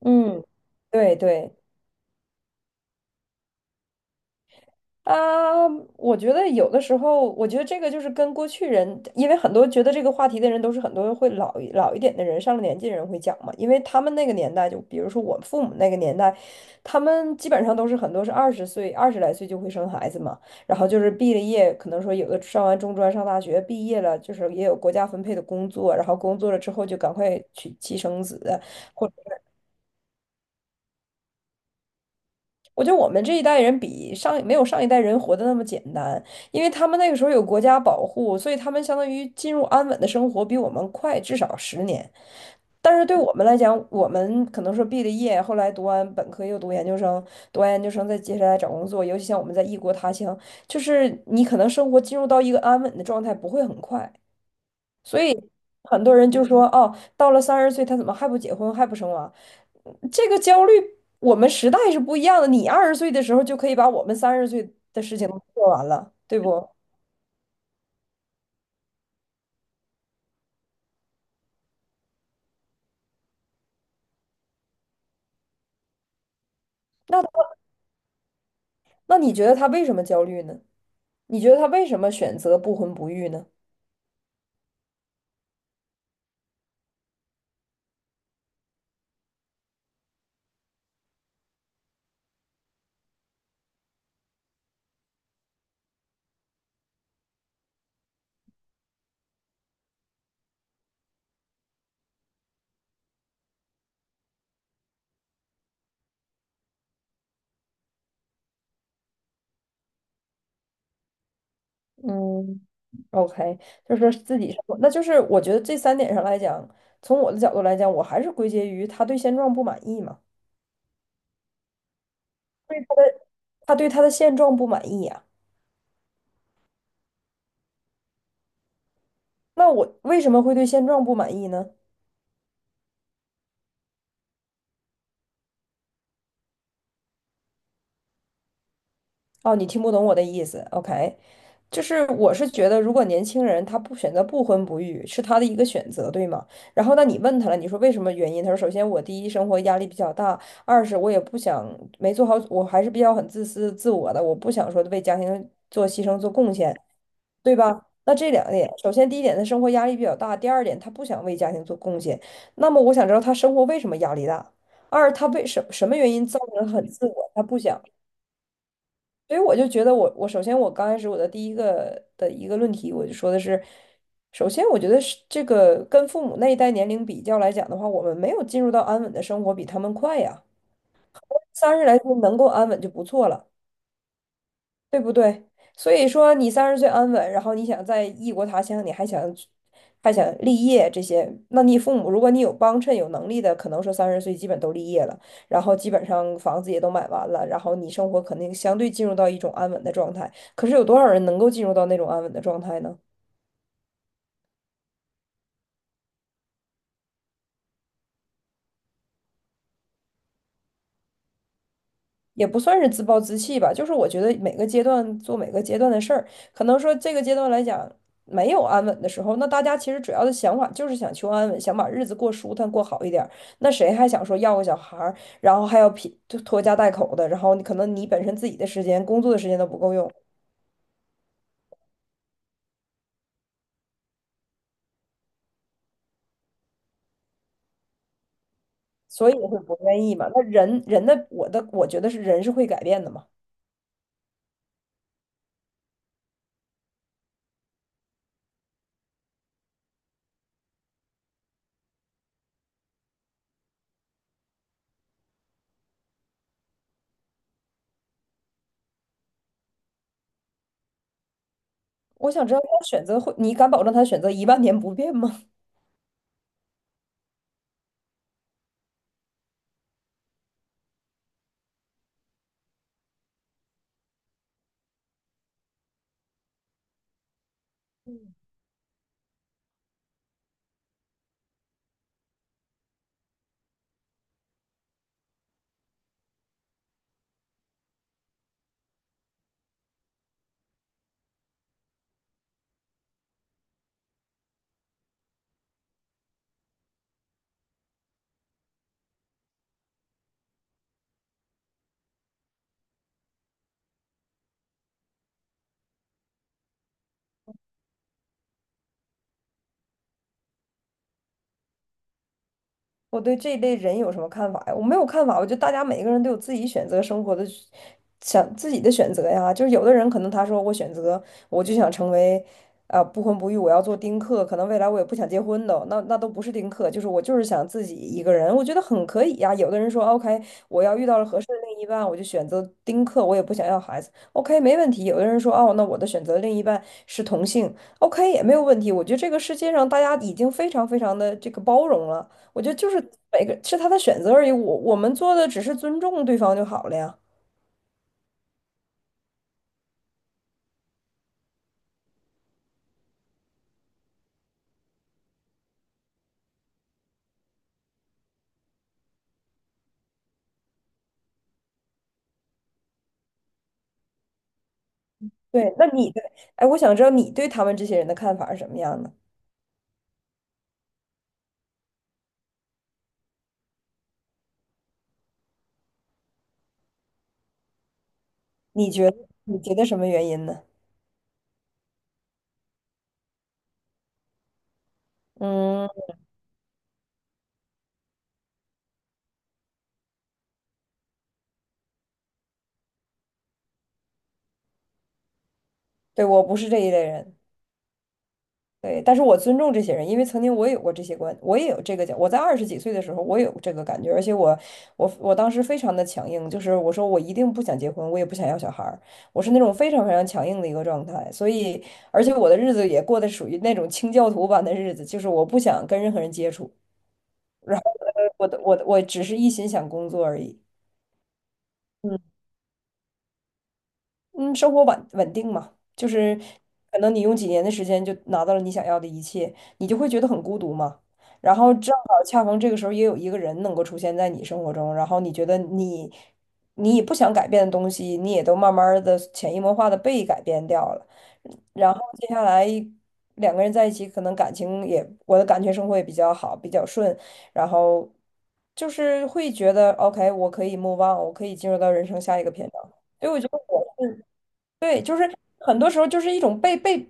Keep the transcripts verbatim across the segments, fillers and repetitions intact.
嗯，对对啊，我觉得有的时候，我觉得这个就是跟过去人，因为很多觉得这个话题的人都是很多会老一老一点的人，上了年纪的人会讲嘛，因为他们那个年代，就比如说我父母那个年代，他们基本上都是很多是二十岁、二十来岁就会生孩子嘛，然后就是毕了业，可能说有的上完中专、上大学毕业了，就是也有国家分配的工作，然后工作了之后就赶快娶妻生子。我觉得我们这一代人比上没有上一代人活得那么简单，因为他们那个时候有国家保护，所以他们相当于进入安稳的生活比我们快至少十年。但是对我们来讲，我们可能说毕了业，后来读完本科又读研究生，读完研究生再接下来找工作，尤其像我们在异国他乡，就是你可能生活进入到一个安稳的状态不会很快，所以很多人就说哦，到了三十岁他怎么还不结婚还不生娃？这个焦虑，我们时代是不一样的。你二十岁的时候就可以把我们三十岁的事情都做完了，对不？那那你觉得他为什么焦虑呢？你觉得他为什么选择不婚不育呢？嗯，OK，就是说自己生活那就是我觉得这三点上来讲，从我的角度来讲，我还是归结于他对现状不满意嘛，他对他的现状不满意呀、那我为什么会对现状不满意呢？哦，你听不懂我的意思，OK，就是我是觉得，如果年轻人他不选择不婚不育，是他的一个选择，对吗？然后那你问他了，你说为什么原因？他说，首先我第一生活压力比较大，二是我也不想没做好，我还是比较很自私自我的，我不想说为家庭做牺牲做贡献，对吧？那这两点，首先第一点，他生活压力比较大；第二点，他不想为家庭做贡献。那么我想知道他生活为什么压力大？二，他为什什么原因造成很自我？他不想。所以我就觉得我，我首先我刚开始我的第一个的一个论题，我就说的是，首先我觉得是这个跟父母那一代年龄比较来讲的话，我们没有进入到安稳的生活，比他们快呀。三十来岁能够安稳就不错了。对不对？所以说你三十岁安稳，然后你想在异国他乡，你还想去还想立业这些，那你父母如果你有帮衬、有能力的，可能说三十岁基本都立业了，然后基本上房子也都买完了，然后你生活肯定相对进入到一种安稳的状态。可是有多少人能够进入到那种安稳的状态呢？也不算是自暴自弃吧，就是我觉得每个阶段做每个阶段的事儿，可能说这个阶段来讲没有安稳的时候，那大家其实主要的想法就是想求安稳，想把日子过舒坦过好一点儿。那谁还想说要个小孩儿，然后还要拼就拖家带口的，然后你可能你本身自己的时间、工作的时间都不够用，所以会不愿意嘛。那人人的我的我觉得是人是会改变的嘛。我想知道他选择会，你敢保证他选择一万年不变吗？我对这一类人有什么看法呀？我没有看法，我觉得大家每个人都有自己选择生活的选，想自己的选择呀。就是有的人可能他说我选择，我就想成为，啊、不婚不育，我要做丁克，可能未来我也不想结婚的，那那都不是丁克，就是我就是想自己一个人，我觉得很可以呀。有的人说 OK，我要遇到了合适的另一半，我就选择丁克，我也不想要孩子，OK 没问题。有的人说哦，那我的选择另一半是同性，OK 也没有问题。我觉得这个世界上大家已经非常非常的这个包容了。我觉得就是每个是他的选择而已，我我们做的只是尊重对方就好了呀。对，那你的，哎，我想知道你对他们这些人的看法是什么样的？你觉得你觉得什么原因呢？嗯，对，我不是这一类人。对，但是我尊重这些人，因为曾经我也有过这些观，我也有这个讲。我在二十几岁的时候，我也有这个感觉，而且我，我，我当时非常的强硬，就是我说我一定不想结婚，我也不想要小孩儿，我是那种非常非常强硬的一个状态。所以，而且我的日子也过得属于那种清教徒般的日子，就是我不想跟任何人接触，我的，我的，我只是一心想工作而已。嗯，嗯，生活稳稳定嘛，就是可能你用几年的时间就拿到了你想要的一切，你就会觉得很孤独嘛。然后正好恰逢这个时候也有一个人能够出现在你生活中，然后你觉得你你也不想改变的东西，你也都慢慢的潜移默化的被改变掉了。然后接下来两个人在一起，可能感情也我的感情生活也比较好，比较顺，然后就是会觉得 OK，我可以 move on，我可以进入到人生下一个篇章。所以我对，就是很多时候就是一种被被，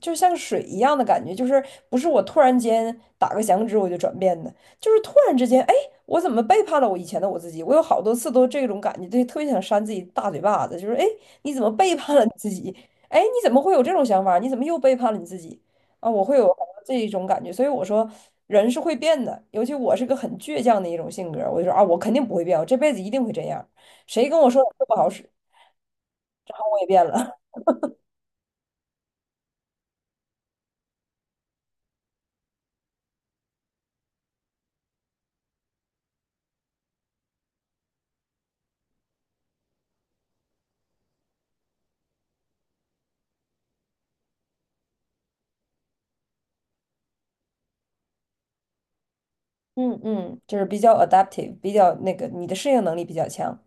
就像水一样的感觉，就是不是我突然间打个响指我就转变的，就是突然之间，哎，我怎么背叛了我以前的我自己？我有好多次都这种感觉，对，特别想扇自己大嘴巴子，就是哎，你怎么背叛了你自己？哎，你怎么会有这种想法？你怎么又背叛了你自己？啊，我会有好多这一种感觉，所以我说人是会变的，尤其我是个很倔强的一种性格，我就说啊，我肯定不会变，我这辈子一定会这样，谁跟我说我不好使，我也变了。嗯嗯，就是比较 adaptive，比较那个你的适应能力比较强。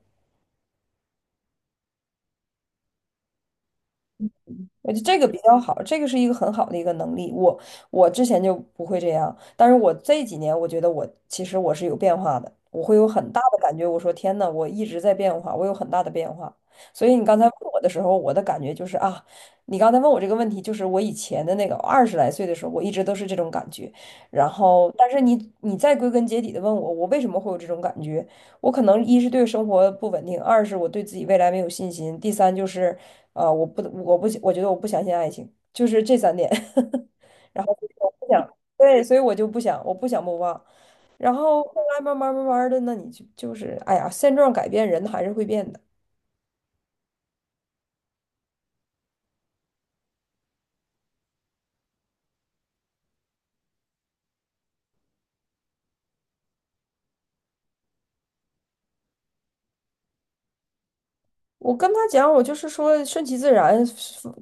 我觉得这个比较好，这个是一个很好的一个能力。我我之前就不会这样，但是我这几年我觉得我其实我是有变化的，我会有很大的感觉。我说天呐，我一直在变化，我有很大的变化。所以你刚才问我的时候，我的感觉就是啊，你刚才问我这个问题，就是我以前的那个二十来岁的时候，我一直都是这种感觉。然后，但是你你再归根结底的问我，我为什么会有这种感觉？我可能一是对生活不稳定，二是我对自己未来没有信心，第三就是。啊、我不，我不，我觉得我不相信爱情，就是这三点，不想，对，所以我就不想，我不想莫忘。然后后来慢慢慢慢的，那你就就是，哎呀，现状改变，人还是会变的。我跟他讲，我就是说顺其自然，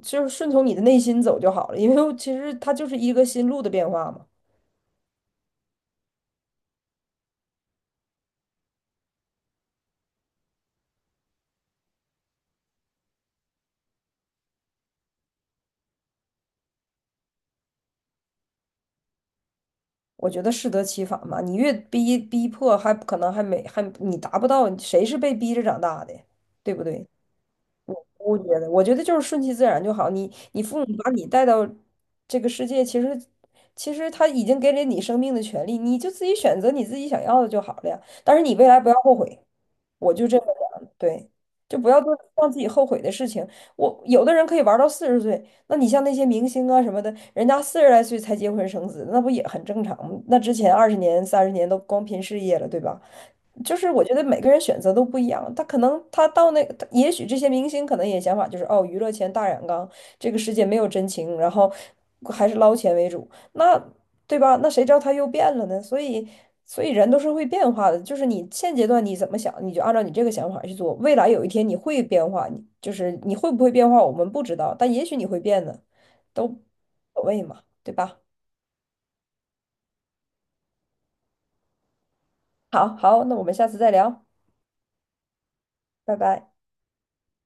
就是顺从你的内心走就好了，因为其实他就是一个心路的变化嘛。我觉得，适得其反嘛，你越逼逼迫，还可能还没还你达不到，谁是被逼着长大的，对不对？我觉得，我觉得就是顺其自然就好。你你父母把你带到这个世界，其实其实他已经给了你生命的权利，你就自己选择你自己想要的就好了呀。但是你未来不要后悔。我就这么想，对，就不要做让自己后悔的事情。我有的人可以玩到四十岁，那你像那些明星啊什么的，人家四十来岁才结婚生子，那不也很正常吗？那之前二十年、三十年都光拼事业了，对吧？就是我觉得每个人选择都不一样，他可能他到那个，他也许这些明星可能也想法就是哦，娱乐圈大染缸，这个世界没有真情，然后还是捞钱为主。那对吧？那谁知道他又变了呢？所以，所以人都是会变化的。就是你现阶段你怎么想，你就按照你这个想法去做。未来有一天你会变化，你就是你会不会变化，我们不知道，但也许你会变呢，都无所谓嘛，对吧？好好，那我们下次再聊，拜拜。